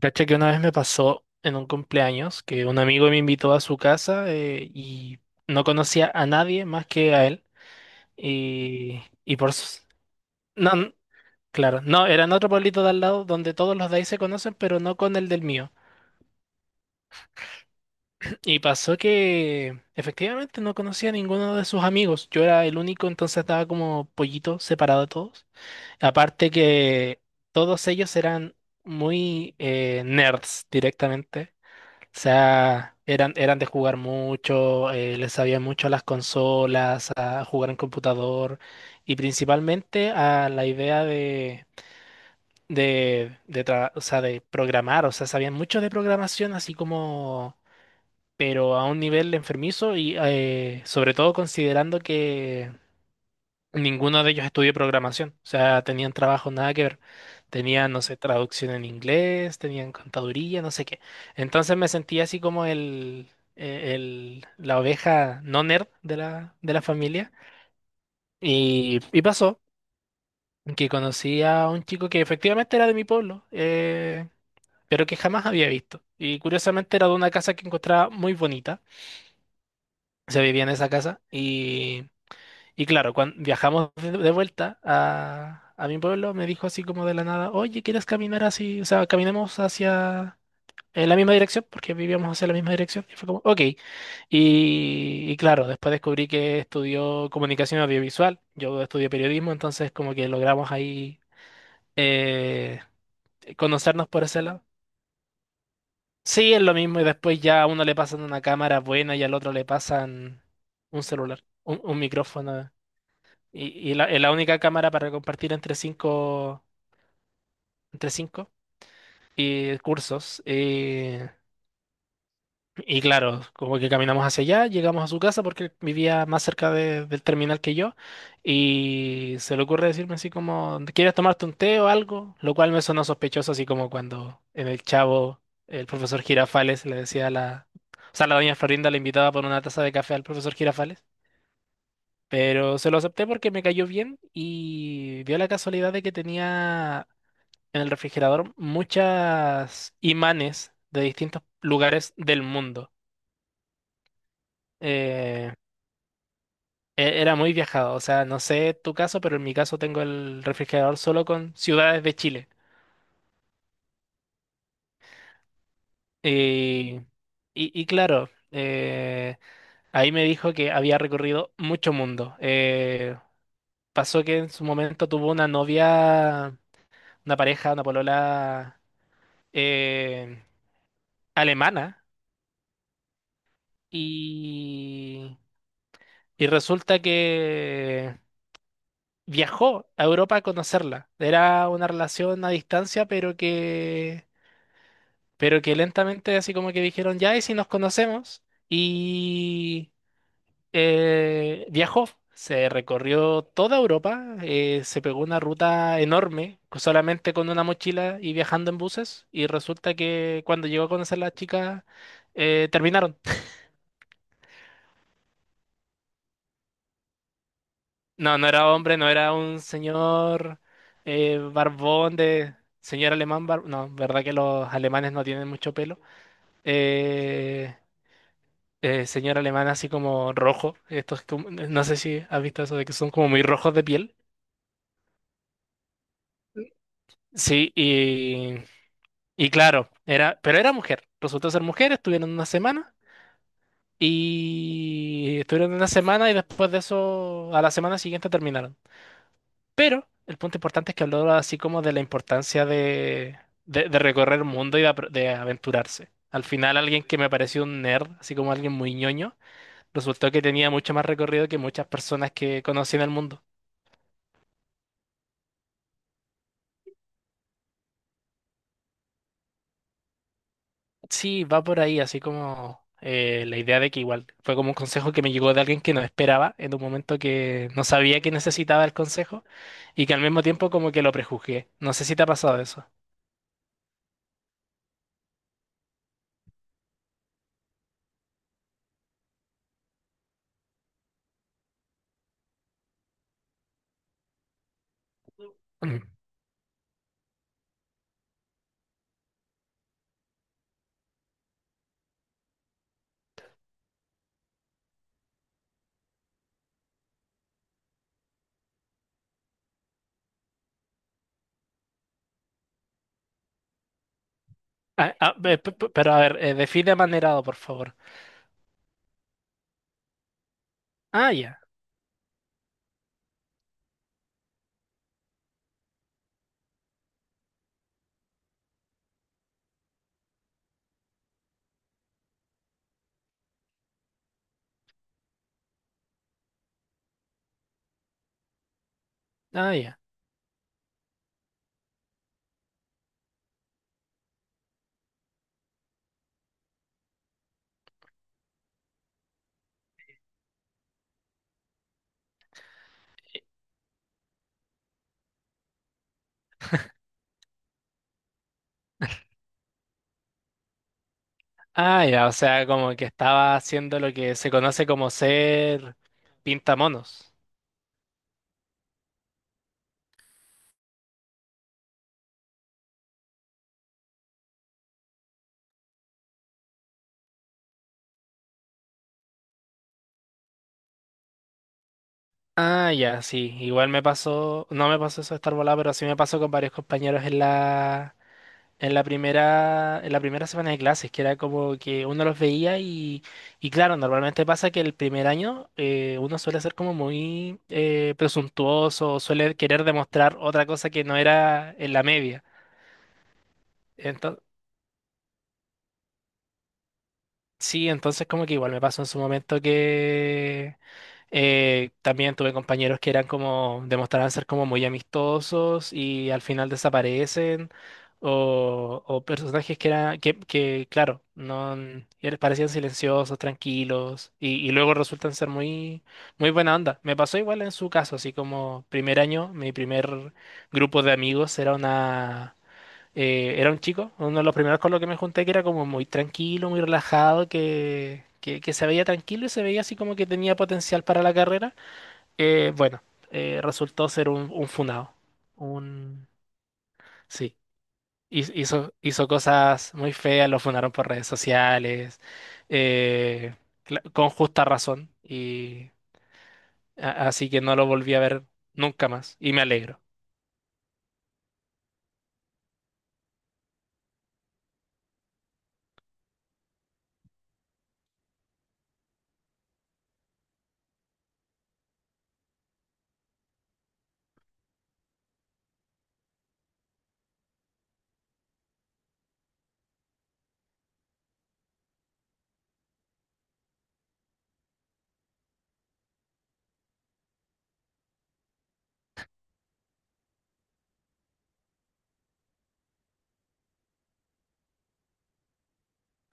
Cacha que una vez me pasó en un cumpleaños que un amigo me invitó a su casa y no conocía a nadie más que a él. Y, y por s- No, claro, no, era en otro pueblito de al lado donde todos los de ahí se conocen, pero no con el del mío. Y pasó que efectivamente no conocía a ninguno de sus amigos. Yo era el único, entonces estaba como pollito separado de todos. Aparte que todos ellos eran muy nerds directamente. O sea, eran de jugar mucho, les sabían mucho a las consolas, a jugar en computador y principalmente a la idea de programar. O sea, sabían mucho de programación, así como, pero a un nivel enfermizo y sobre todo considerando que ninguno de ellos estudió programación, o sea, tenían trabajo nada que ver. Tenían, no sé, traducción en inglés, tenían contaduría, no sé qué. Entonces me sentía así como la oveja no nerd de de la familia. Y pasó que conocí a un chico que efectivamente era de mi pueblo, pero que jamás había visto. Y curiosamente era de una casa que encontraba muy bonita. Se vivía en esa casa. Y claro, cuando viajamos de vuelta a mi pueblo, me dijo así como de la nada, oye, ¿quieres caminar así? O sea, caminemos hacia en la misma dirección, porque vivíamos hacia la misma dirección. Y fue como, ok. Y claro, después descubrí que estudió comunicación audiovisual, yo estudié periodismo, entonces como que logramos ahí eh, conocernos por ese lado. Sí, es lo mismo, y después ya a uno le pasan una cámara buena y al otro le pasan un celular, un micrófono. Y la, es la única cámara para compartir entre cinco y cursos. Y claro, como que caminamos hacia allá, llegamos a su casa porque él vivía más cerca del terminal que yo. Y se le ocurre decirme así como, ¿quieres tomarte un té o algo? Lo cual me sonó sospechoso, así como cuando en el Chavo el profesor Girafales le decía a la... O sea, la doña Florinda le invitaba por una taza de café al profesor Girafales. Pero se lo acepté porque me cayó bien y dio la casualidad de que tenía en el refrigerador muchas imanes de distintos lugares del mundo. Eh, era muy viajado, o sea, no sé tu caso, pero en mi caso tengo el refrigerador solo con ciudades de Chile. Y, y claro, ahí me dijo que había recorrido mucho mundo. Pasó que en su momento tuvo una novia, una pareja, una polola eh, alemana. Y, y resulta que viajó a Europa a conocerla. Era una relación a distancia, pero pero que lentamente así como que dijeron, ya, ¿y si nos conocemos? Y viajó, se recorrió toda Europa, se pegó una ruta enorme, solamente con una mochila y viajando en buses, y resulta que cuando llegó a conocer a la chica, terminaron. No, no era hombre, no era un señor barbón de... Señor alemán, no, verdad que los alemanes no tienen mucho pelo. Eh, señor alemán así como rojo. Estos, no sé si has visto eso de que son como muy rojos de piel. Sí, y claro, era, pero era mujer. Resultó ser mujer, estuvieron una semana y estuvieron una semana y después de eso, a la semana siguiente terminaron. Pero el punto importante es que habló así como de la importancia de recorrer el mundo y de aventurarse. Al final, alguien que me pareció un nerd, así como alguien muy ñoño, resultó que tenía mucho más recorrido que muchas personas que conocí en el mundo. Sí, va por ahí, así como la idea de que igual fue como un consejo que me llegó de alguien que no esperaba en un momento que no sabía que necesitaba el consejo y que al mismo tiempo como que lo prejuzgué. No sé si te ha pasado eso. Mm. Ah, ah, pero a ver, define amanerado, por favor. Ah, ya. Ah, ya. Ah, ya, o sea, como que estaba haciendo lo que se conoce como ser pintamonos. Ah, ya, sí. Igual me pasó, no me pasó eso de estar volado, pero sí me pasó con varios compañeros en en la primera semana de clases, que era como que uno los veía y claro, normalmente pasa que el primer año uno suele ser como muy presuntuoso, suele querer demostrar otra cosa que no era en la media. Entonces, sí, entonces como que igual me pasó en su momento que también tuve compañeros que eran como, demostraban ser como muy amistosos y al final desaparecen, o personajes que eran, claro, no parecían silenciosos, tranquilos, y luego resultan ser muy buena onda. Me pasó igual en su caso, así como primer año, mi primer grupo de amigos era una era un chico, uno de los primeros con los que me junté, que era como muy tranquilo, muy relajado, que se veía tranquilo y se veía así como que tenía potencial para la carrera. Bueno, resultó ser un funado. Un... Sí, hizo cosas muy feas, lo funaron por redes sociales, eh, con justa razón, y así que no lo volví a ver nunca más, y me alegro.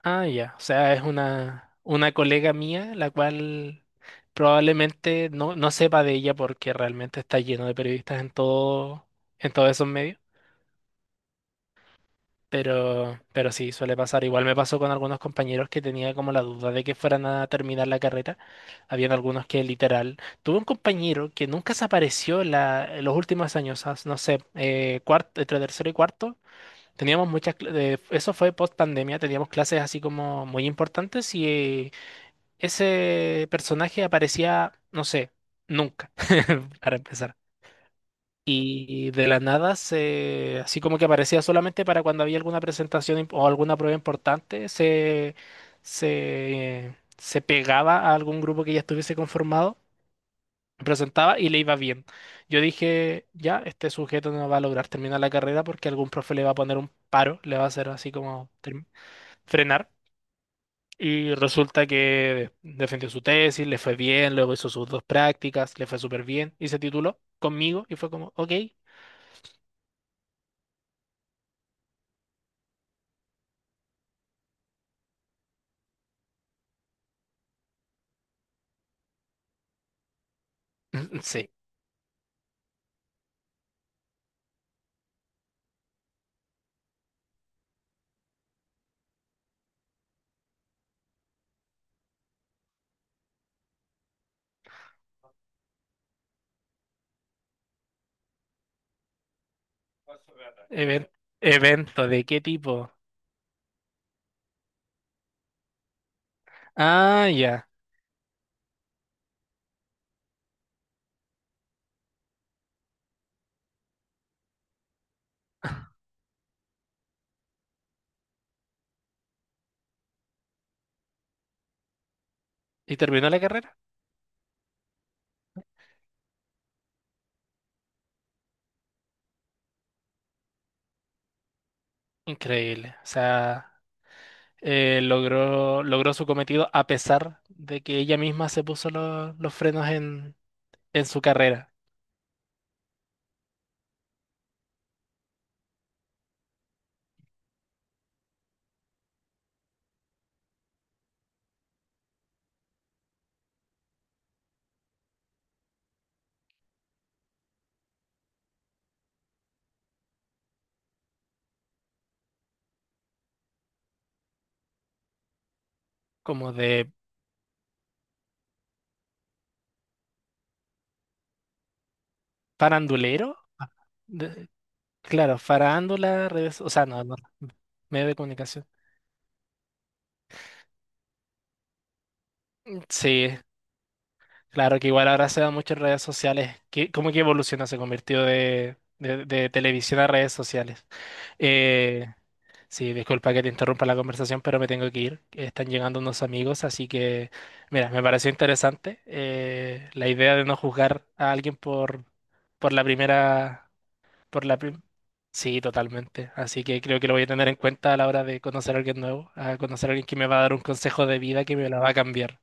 Ah, ya. O sea, es una colega mía, la cual probablemente no sepa de ella porque realmente está lleno de periodistas en todo, en todos esos medios. Pero sí, suele pasar. Igual me pasó con algunos compañeros que tenía como la duda de que fueran a terminar la carrera. Habían algunos que literal. Tuve un compañero que nunca se apareció en los últimos años, no sé, cuarto, entre tercero y cuarto. Teníamos eso fue post pandemia, teníamos clases así como muy importantes y ese personaje aparecía, no sé, nunca, para empezar. Y de la nada, así como que aparecía solamente para cuando había alguna presentación o alguna prueba importante, se pegaba a algún grupo que ya estuviese conformado, presentaba y le iba bien. Yo dije, ya, este sujeto no va a lograr terminar la carrera porque algún profe le va a poner un paro, le va a hacer así como frenar. Y resulta que defendió su tesis, le fue bien, luego hizo sus dos prácticas, le fue súper bien y se tituló conmigo y fue como, ok, sí, even- evento, ¿de qué tipo? Ah, ya. ¿Y terminó la carrera? Increíble. O sea, logró su cometido a pesar de que ella misma se puso los frenos en su carrera, como de farandulero. Ah, de- claro, farándula, redes, o sea, no, no, medio de comunicación. Sí, claro que igual ahora se da mucho en redes sociales. ¿Qué... ¿Cómo que evoluciona? Se convirtió de televisión a redes sociales. Eh, sí, disculpa que te interrumpa la conversación, pero me tengo que ir. Están llegando unos amigos, así que, mira, me pareció interesante la idea de no juzgar a alguien por la primera, por la prim- Sí, totalmente. Así que creo que lo voy a tener en cuenta a la hora de conocer a alguien nuevo, a conocer a alguien que me va a dar un consejo de vida que me la va a cambiar.